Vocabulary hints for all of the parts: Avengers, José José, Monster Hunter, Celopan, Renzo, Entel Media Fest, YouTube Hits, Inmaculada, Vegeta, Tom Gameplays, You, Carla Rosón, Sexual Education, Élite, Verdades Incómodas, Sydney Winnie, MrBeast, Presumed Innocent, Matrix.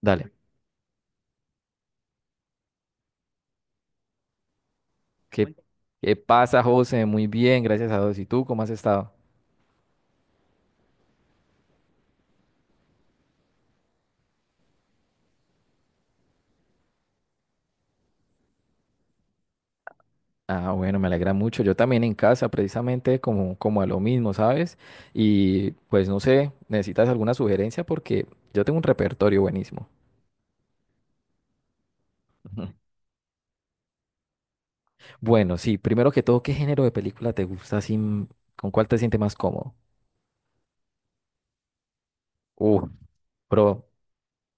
Dale. ¿Qué, qué pasa, José? Muy bien, gracias a Dios. ¿Y tú cómo has estado? Ah, bueno, me alegra mucho. Yo también en casa, precisamente como a lo mismo, ¿sabes? Y pues no sé, ¿necesitas alguna sugerencia? Porque yo tengo un repertorio buenísimo. Ujú. Bueno, sí, primero que todo, ¿qué género de película te gusta? Sin, ¿con cuál te sientes más cómodo? Uh, Bro,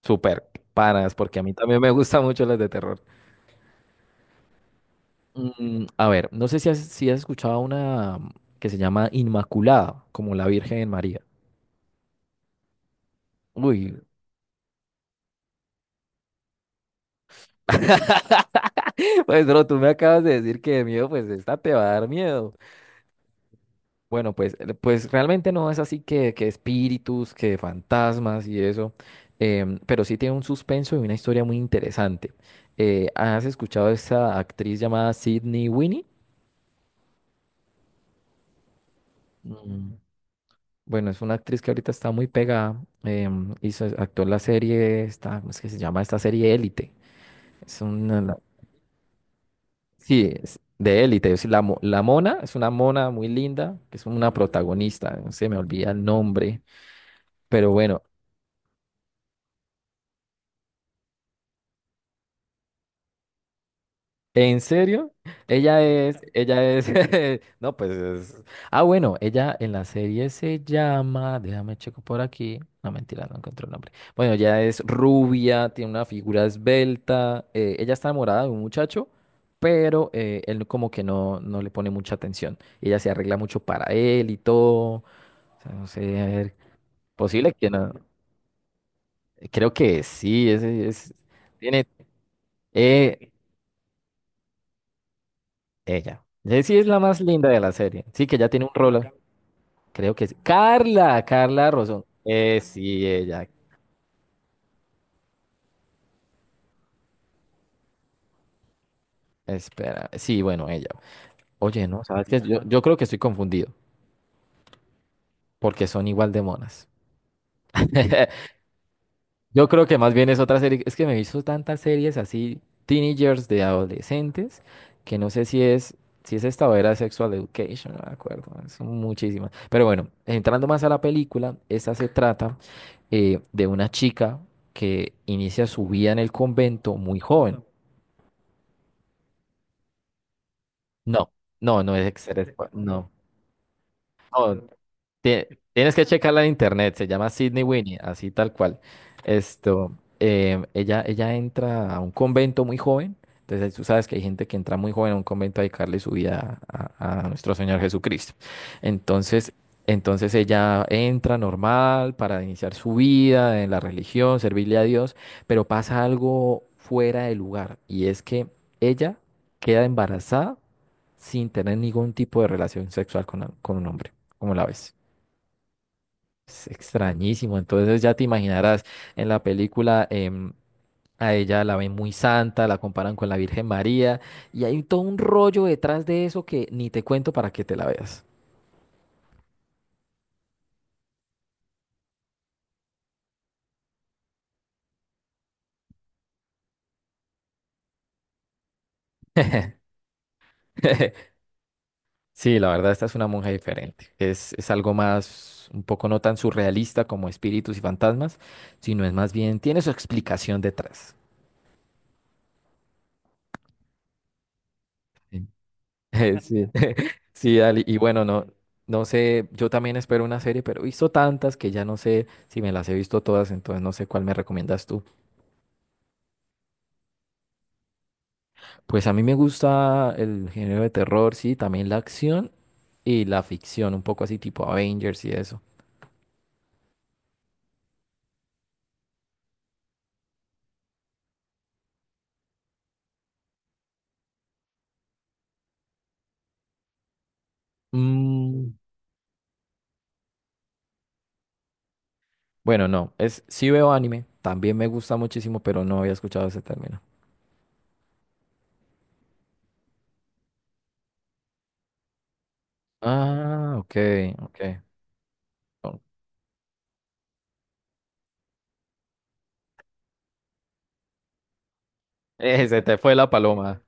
súper, panas, porque a mí también me gustan mucho las de terror. A ver, no sé si has escuchado una que se llama Inmaculada, como la Virgen María. Uy, pues bro, tú me acabas de decir que de miedo, pues esta te va a dar miedo. Bueno, pues, pues realmente no es así que espíritus, que fantasmas y eso, pero sí tiene un suspenso y una historia muy interesante. ¿Has escuchado esa actriz llamada Sydney Winnie? Mm. Bueno, es una actriz que ahorita está muy pegada. Hizo, actuó en la serie, esta, ¿cómo es que se llama esta serie Élite? Es una, sí, es de élite. Es la mona, es una mona muy linda, que es una protagonista, no se me olvida el nombre, pero bueno, en serio, ella es, no, pues es, ah, bueno, ella en la serie se llama, déjame checo por aquí, no, mentira, no encuentro el nombre. Bueno, ella es rubia, tiene una figura esbelta, ella está enamorada de un muchacho, pero él como que no le pone mucha atención. Ella se arregla mucho para él y todo. O sea, no sé, a ver, posible que no. Creo que sí, ese es, tiene, eh, ella. Jessie es la más linda de la serie. Sí, que ya tiene un rol, creo que es. Carla, Carla Rosón. Sí, ella. Espera, sí, bueno, ella. Oye, no, sabes que yo creo que estoy confundido, porque son igual de monas. Yo creo que más bien es otra serie, es que me he visto tantas series así, teenagers de adolescentes, que no sé si es esta o era Sexual Education, no me acuerdo, son muchísimas. Pero bueno, entrando más a la película, esta se trata de una chica que inicia su vida en el convento muy joven. No, no, no, no. Tie- Tienes que checarla en internet, se llama Sydney Winnie, así tal cual. Esto, ella entra a un convento muy joven, entonces tú sabes que hay gente que entra muy joven a un convento a dedicarle su vida a nuestro Señor Jesucristo. Entonces, entonces ella entra normal para iniciar su vida en la religión, servirle a Dios, pero pasa algo fuera de lugar y es que ella queda embarazada sin tener ningún tipo de relación sexual con un hombre, como la ves. Es extrañísimo. Entonces ya te imaginarás en la película a ella la ven muy santa, la comparan con la Virgen María y hay todo un rollo detrás de eso que ni te cuento para que te la veas. Sí, la verdad, esta es una monja diferente. Es algo más, un poco no tan surrealista como espíritus y fantasmas, sino es más bien, tiene su explicación detrás. Sí, sí, dale. Y bueno, no, no sé, yo también espero una serie, pero he visto tantas que ya no sé si me las he visto todas, entonces no sé cuál me recomiendas tú. Pues a mí me gusta el género de terror, sí, también la acción y la ficción, un poco así tipo Avengers y eso. Mm, bueno, no, es, sí veo anime, también me gusta muchísimo, pero no había escuchado ese término. Ah, ok, ok. Oh, se te fue la paloma.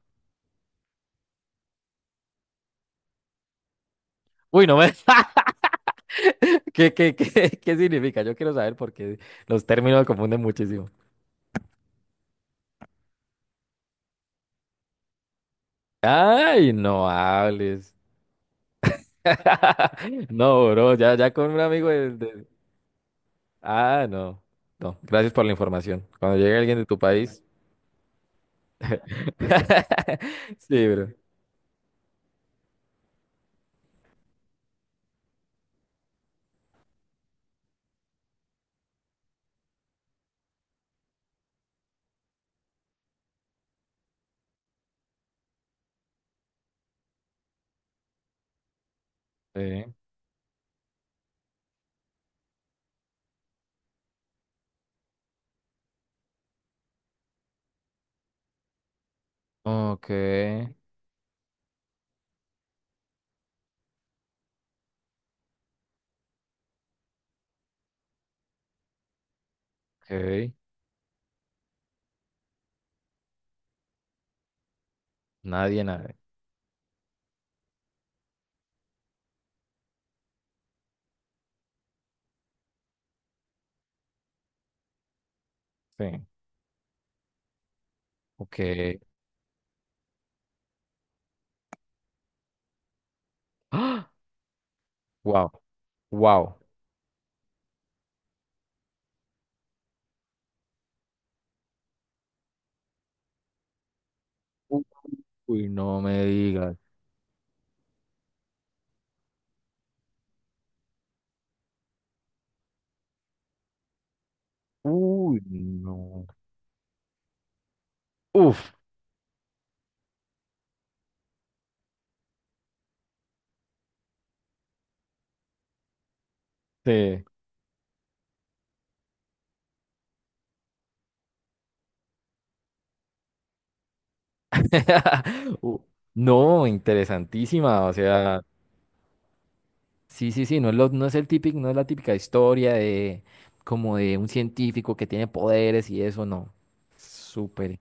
Uy, no me... ¿Qué significa? Yo quiero saber porque los términos confunden muchísimo. Ay, no hables. No, bro, ya con un amigo Ah, no. No, gracias por la información. Cuando llegue alguien de tu país. Sí, bro. Sí. Ok, ok. Nadie, nadie. Sí. Ok. ¡Ah! Wow, wow. Uy, no me digas. Uy, no. Uf, sí. Uh. No, interesantísima, o sea, sí, sí, sí, no es el típico, no es la típica historia de como de un científico que tiene poderes y eso, no. Súper,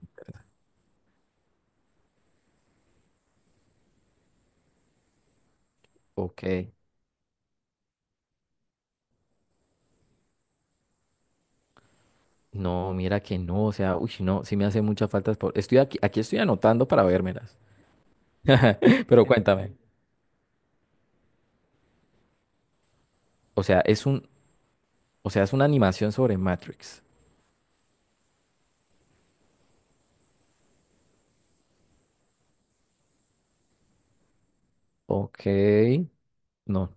ok. No, mira que no, o sea, uy, no, sí me hace muchas Estoy aquí, aquí estoy anotando para vérmelas. Pero cuéntame, o sea, es un, o sea, es una animación sobre Matrix. Ok. No.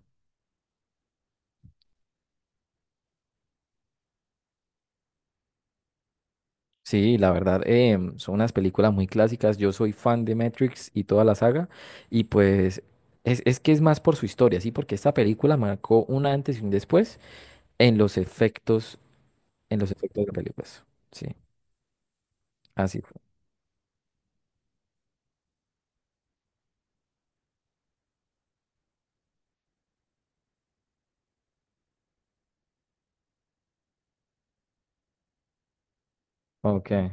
Sí, la verdad, son unas películas muy clásicas. Yo soy fan de Matrix y toda la saga. Y pues es que es más por su historia, ¿sí? Porque esta película marcó un antes y un después en los efectos, en los efectos de películas. Sí, así fue. Ok.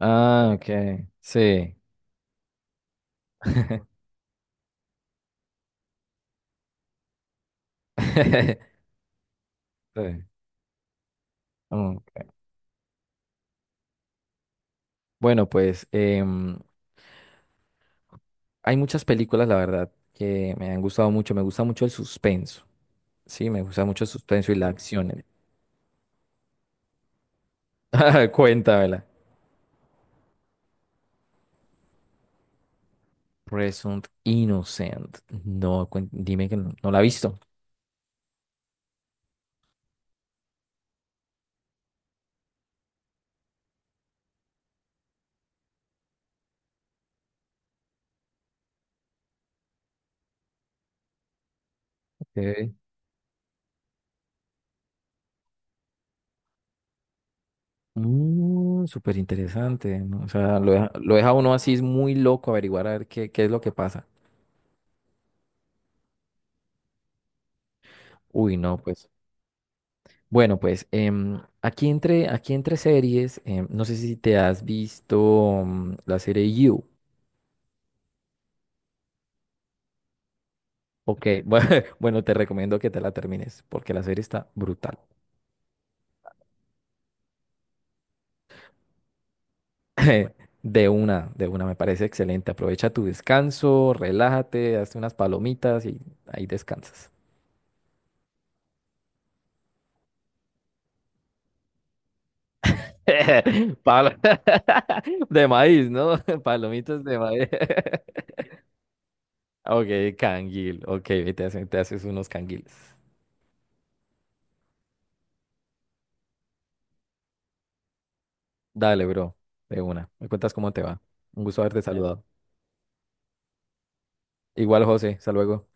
Ah, ok. Sí. Sí. Ok. Bueno, pues hay muchas películas, la verdad, que me han gustado mucho. Me gusta mucho el suspenso. Sí, me gusta mucho el suspenso y la acción. Cuéntamela. Presumed Innocent. No, dime que no, no la ha visto. Ok. Mm, súper interesante, ¿no? O sea, lo deja uno así, es muy loco averiguar a ver qué es lo que pasa. Uy, no, pues. Bueno, pues aquí entre series, no sé si te has visto la serie You. Ok, bueno, bueno, te recomiendo que te la termines porque la serie está brutal. De una, me parece excelente. Aprovecha tu descanso, relájate, hazte unas palomitas y ahí descansas. Palo- De maíz, ¿no? Palomitas de maíz. Ok, canguil. Ok, ve, te haces unos canguiles. Dale, bro. De una. Me cuentas cómo te va. Un gusto haberte saludado. Igual, José. Hasta luego.